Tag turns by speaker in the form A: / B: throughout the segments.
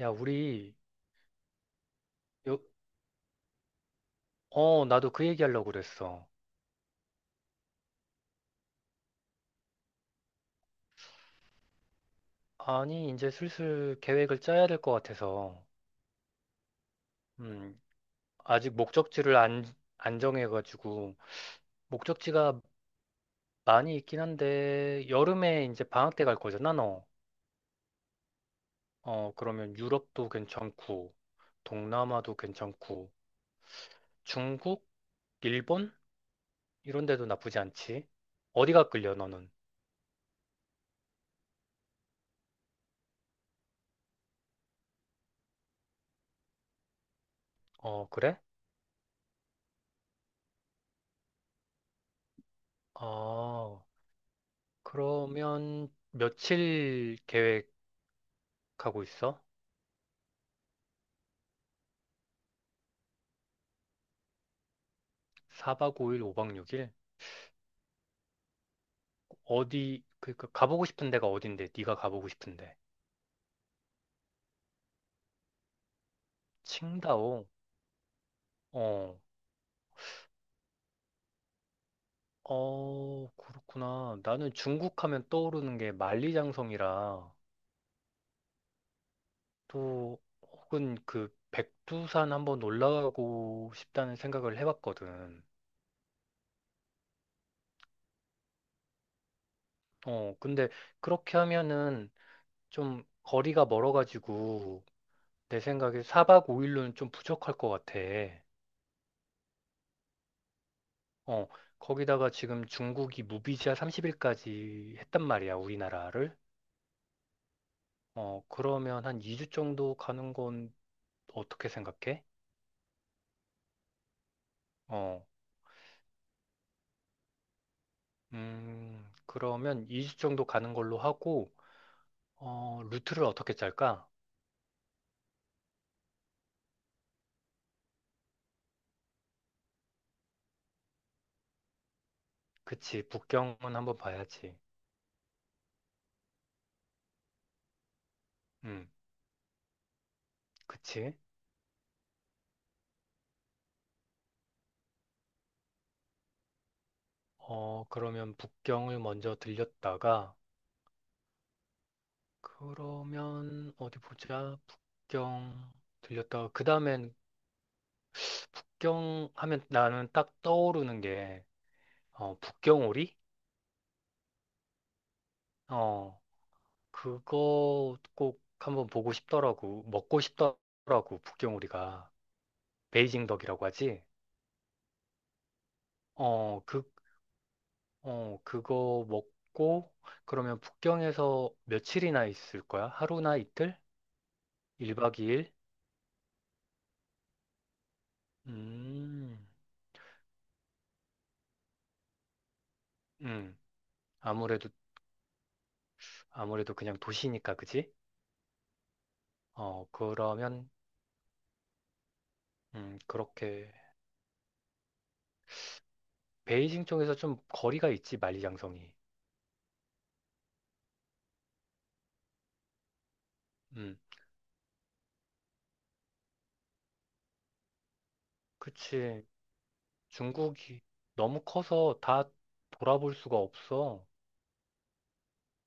A: 야, 우리, 요, 나도 그 얘기하려고 그랬어. 아니, 이제 슬슬 계획을 짜야 될 것 같아서, 음, 아직 목적지를 안 정해가지고, 목적지가 많이 있긴 한데, 여름에 이제 방학 때 갈 거잖아, 너. 그러면 유럽도 괜찮고, 동남아도 괜찮고, 중국, 일본? 이런 데도 나쁘지 않지. 어디가 끌려, 너는? 어, 그래? 아, 그러면 며칠 계획하고 있어? 4박 5일 5박 6일. 어디, 그니까 가보고 싶은 데가 어딘데? 네가 가보고 싶은데. 칭다오. 어. 어, 그렇구나. 나는 중국 하면 떠오르는 게 만리장성이라, 또 혹은 그 백두산 한번 올라가고 싶다는 생각을 해봤거든. 근데 그렇게 하면은 좀 거리가 멀어가지고 내 생각에 4박 5일로는 좀 부족할 것 같아. 어, 거기다가 지금 중국이 무비자 30일까지 했단 말이야, 우리나라를. 그러면 한 2주 정도 가는 건 어떻게 생각해? 어, 그러면 2주 정도 가는 걸로 하고, 루트를 어떻게 짤까? 그치, 북경은 한번 봐야지. 음, 그치. 그러면 북경을 먼저 들렸다가, 그러면 어디 보자. 북경 들렸다가, 그 다음엔 북경 하면 나는 딱 떠오르는 게, 북경오리? 어, 그거 꼭 한번 보고 싶더라고. 먹고 싶더라고, 북경오리가. 베이징 덕이라고 하지? 어, 그, 그거 먹고, 그러면 북경에서 며칠이나 있을 거야? 하루나 이틀? 1박 2일? 음, 음, 아무래도, 아무래도 그냥 도시니까, 그지? 그러면, 그렇게. 베이징 쪽에서 좀 거리가 있지, 만리장성이. 음, 그치. 중국이 너무 커서 다 돌아볼 수가 없어.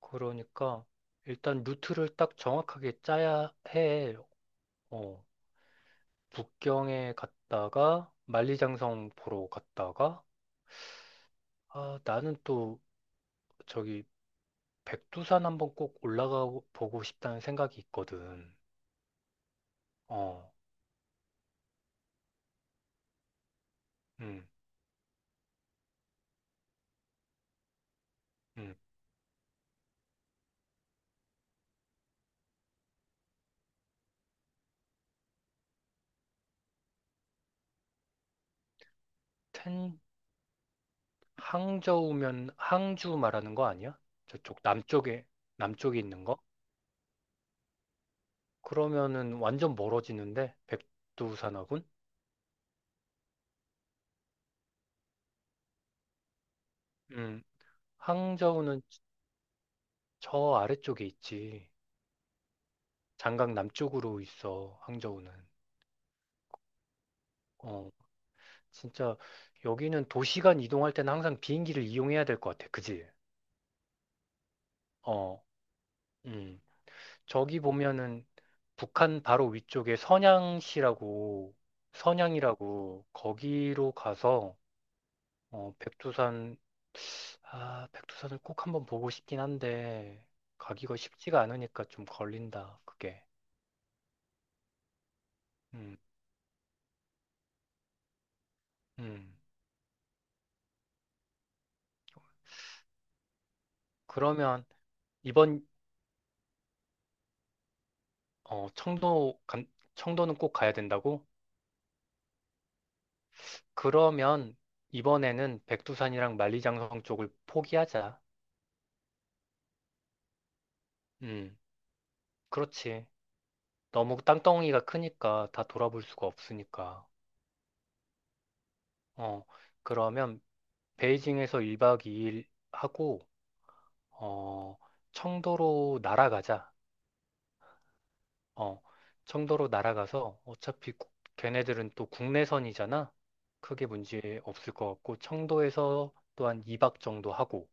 A: 그러니까 일단 루트를 딱 정확하게 짜야 해. 어, 북경에 갔다가 만리장성 보러 갔다가, 아, 나는 또 저기 백두산 한번 꼭 올라가 보고 싶다는 생각이 있거든. 어. 음. 음. 텐, 항저우면 항주 말하는 거 아니야? 저쪽 남쪽에 있는 거? 그러면은 완전 멀어지는데 백두산하고는. 음, 항저우는 저 아래쪽에 있지. 장강 남쪽으로 있어, 항저우는. 어, 진짜 여기는 도시간 이동할 때는 항상 비행기를 이용해야 될 것 같아. 그지? 어. 음. 저기 보면은 북한 바로 위쪽에 선양시라고, 선양이라고 거기로 가서, 어, 백두산 백두산을 꼭 한번 보고 싶긴 한데, 가기가 쉽지가 않으니까 좀 걸린다, 그게. 음. 음. 그러면, 이번, 어, 청도, 간- 청도는 꼭 가야 된다고? 그러면, 이번에는 백두산이랑 만리장성 쪽을 포기하자. 음, 그렇지. 너무 땅덩이가 크니까 다 돌아볼 수가 없으니까. 어, 그러면, 베이징에서 1박 2일 하고, 어, 청도로 날아가자. 어, 청도로 날아가서 어차피 걔네들은 또 국내선이잖아. 크게 문제 없을 것 같고 청도에서 또한 2박 정도 하고.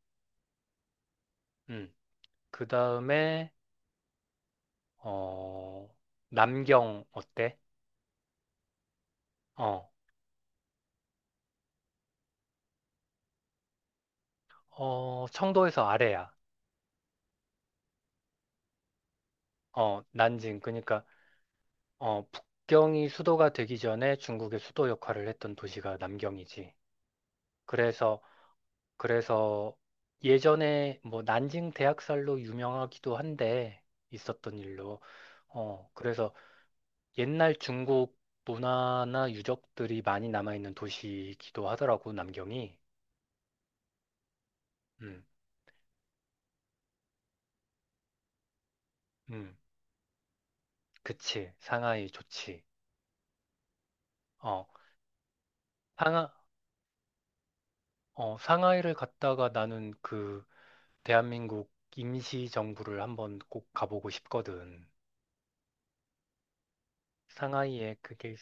A: 음. 그다음에 어, 남경 어때? 어. 어, 청도에서 아래야. 어, 난징. 그러니까 북경이 수도가 되기 전에 중국의 수도 역할을 했던 도시가 남경이지. 그래서 그래서 예전에 뭐 난징 대학살로 유명하기도 한데, 있었던 일로. 그래서 옛날 중국 문화나 유적들이 많이 남아있는 도시이기도 하더라고, 남경이. 음, 음, 그치. 상하이 좋지. 어, 상하, 상하이를 갔다가 나는 그 대한민국 임시정부를 한번 꼭 가보고 싶거든. 상하이에 그게, 있-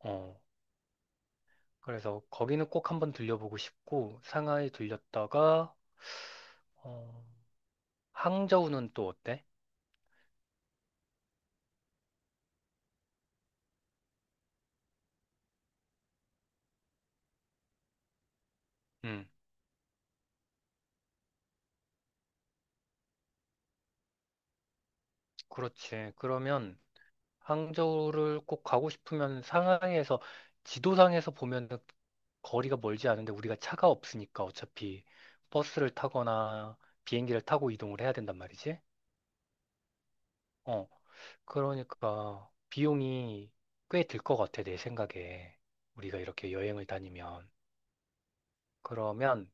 A: 어, 그래서 거기는 꼭 한번 들려보고 싶고, 상하이 들렸다가, 어, 항저우는 또 어때? 음, 그렇지. 그러면, 항저우를 꼭 가고 싶으면 상하이에서 지도상에서 보면 거리가 멀지 않은데, 우리가 차가 없으니까 어차피 버스를 타거나 비행기를 타고 이동을 해야 된단 말이지. 어, 그러니까 비용이 꽤 들 것 같아, 내 생각에. 우리가 이렇게 여행을 다니면. 그러면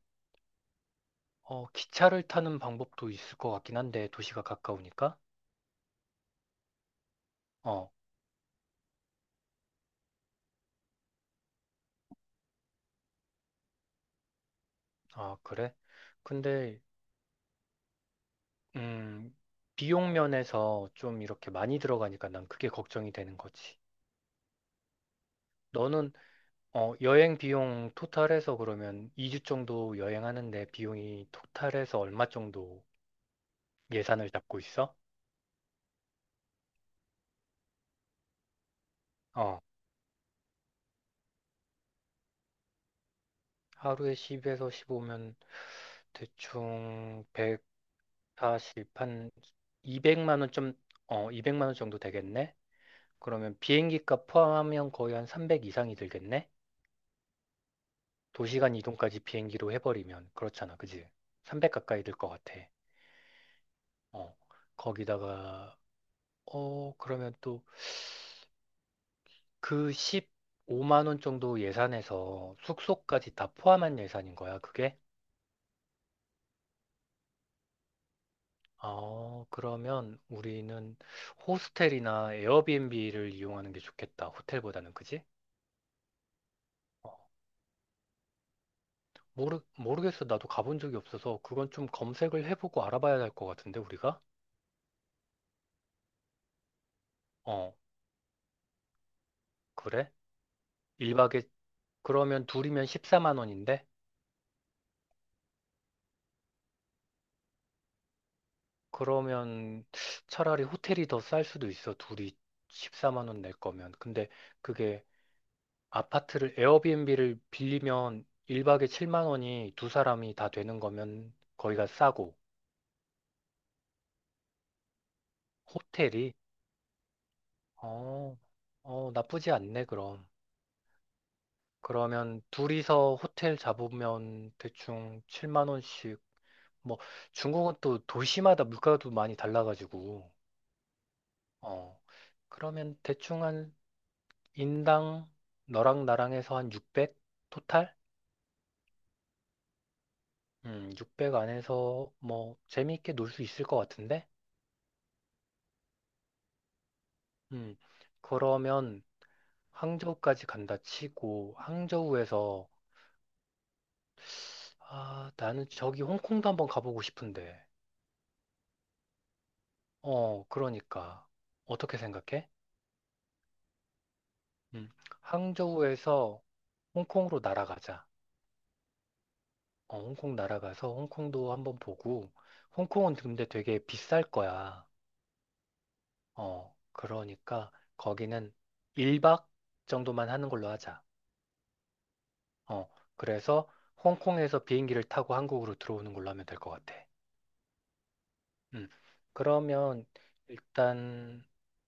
A: 기차를 타는 방법도 있을 것 같긴 한데 도시가 가까우니까. 어, 아, 그래? 근데 음, 비용 면에서 좀 이렇게 많이 들어가니까 난 그게 걱정이 되는 거지. 너는 여행 비용 토탈해서 그러면 2주 정도 여행하는데 비용이 토탈해서 얼마 정도 예산을 잡고 있어? 어, 하루에 10에서 15면 대충 140, 한 200만 원 좀, 200만 원 정도 되겠네? 그러면 비행기 값 포함하면 거의 한 300 이상이 들겠네? 도시간 이동까지 비행기로 해버리면 그렇잖아, 그지? 300 가까이 들 것 같아. 어, 거기다가 그러면 또 그 15만 원 정도 예산에서 숙소까지 다 포함한 예산인 거야, 그게? 그러면 우리는 호스텔이나 에어비앤비를 이용하는 게 좋겠다, 호텔보다는, 그지? 어, 모르겠어. 나도 가본 적이 없어서 그건 좀 검색을 해보고 알아봐야 할 것 같은데, 우리가? 어, 그래? 1박에, 그러면 둘이면 14만 원인데? 그러면 차라리 호텔이 더 쌀 수도 있어. 둘이 14만 원 낼 거면. 근데 그게 아파트를 에어비앤비를 빌리면 1박에 7만 원이 두 사람이 다 되는 거면 거기가 싸고. 호텔이. 어, 나쁘지 않네 그럼. 그러면 둘이서 호텔 잡으면 대충 7만 원씩. 뭐 중국은 또 도시마다 물가도 많이 달라가지고. 어. 그러면 대충 한 인당 너랑 나랑 에서한 600? 토탈? 600 안에서 뭐 재미있게 놀 수 있을 것 같은데? 음, 그러면 항저우까지 간다 치고 항저우에서, 아, 나는 저기 홍콩도 한번 가보고 싶은데. 어, 그러니까. 어떻게 생각해? 음, 항저우에서 홍콩으로 날아가자. 어, 홍콩 날아가서 홍콩도 한번 보고, 홍콩은 근데 되게 비쌀 거야. 그러니까 거기는 1박 정도만 하는 걸로 하자. 어, 그래서 홍콩에서 비행기를 타고 한국으로 들어오는 걸로 하면 될 것 같아. 음, 그러면 일단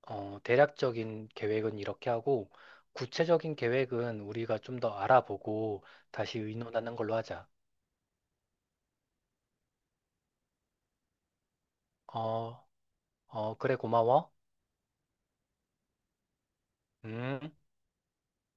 A: 대략적인 계획은 이렇게 하고 구체적인 계획은 우리가 좀 더 알아보고 다시 의논하는 걸로 하자. 어, 어, 그래 고마워. 음.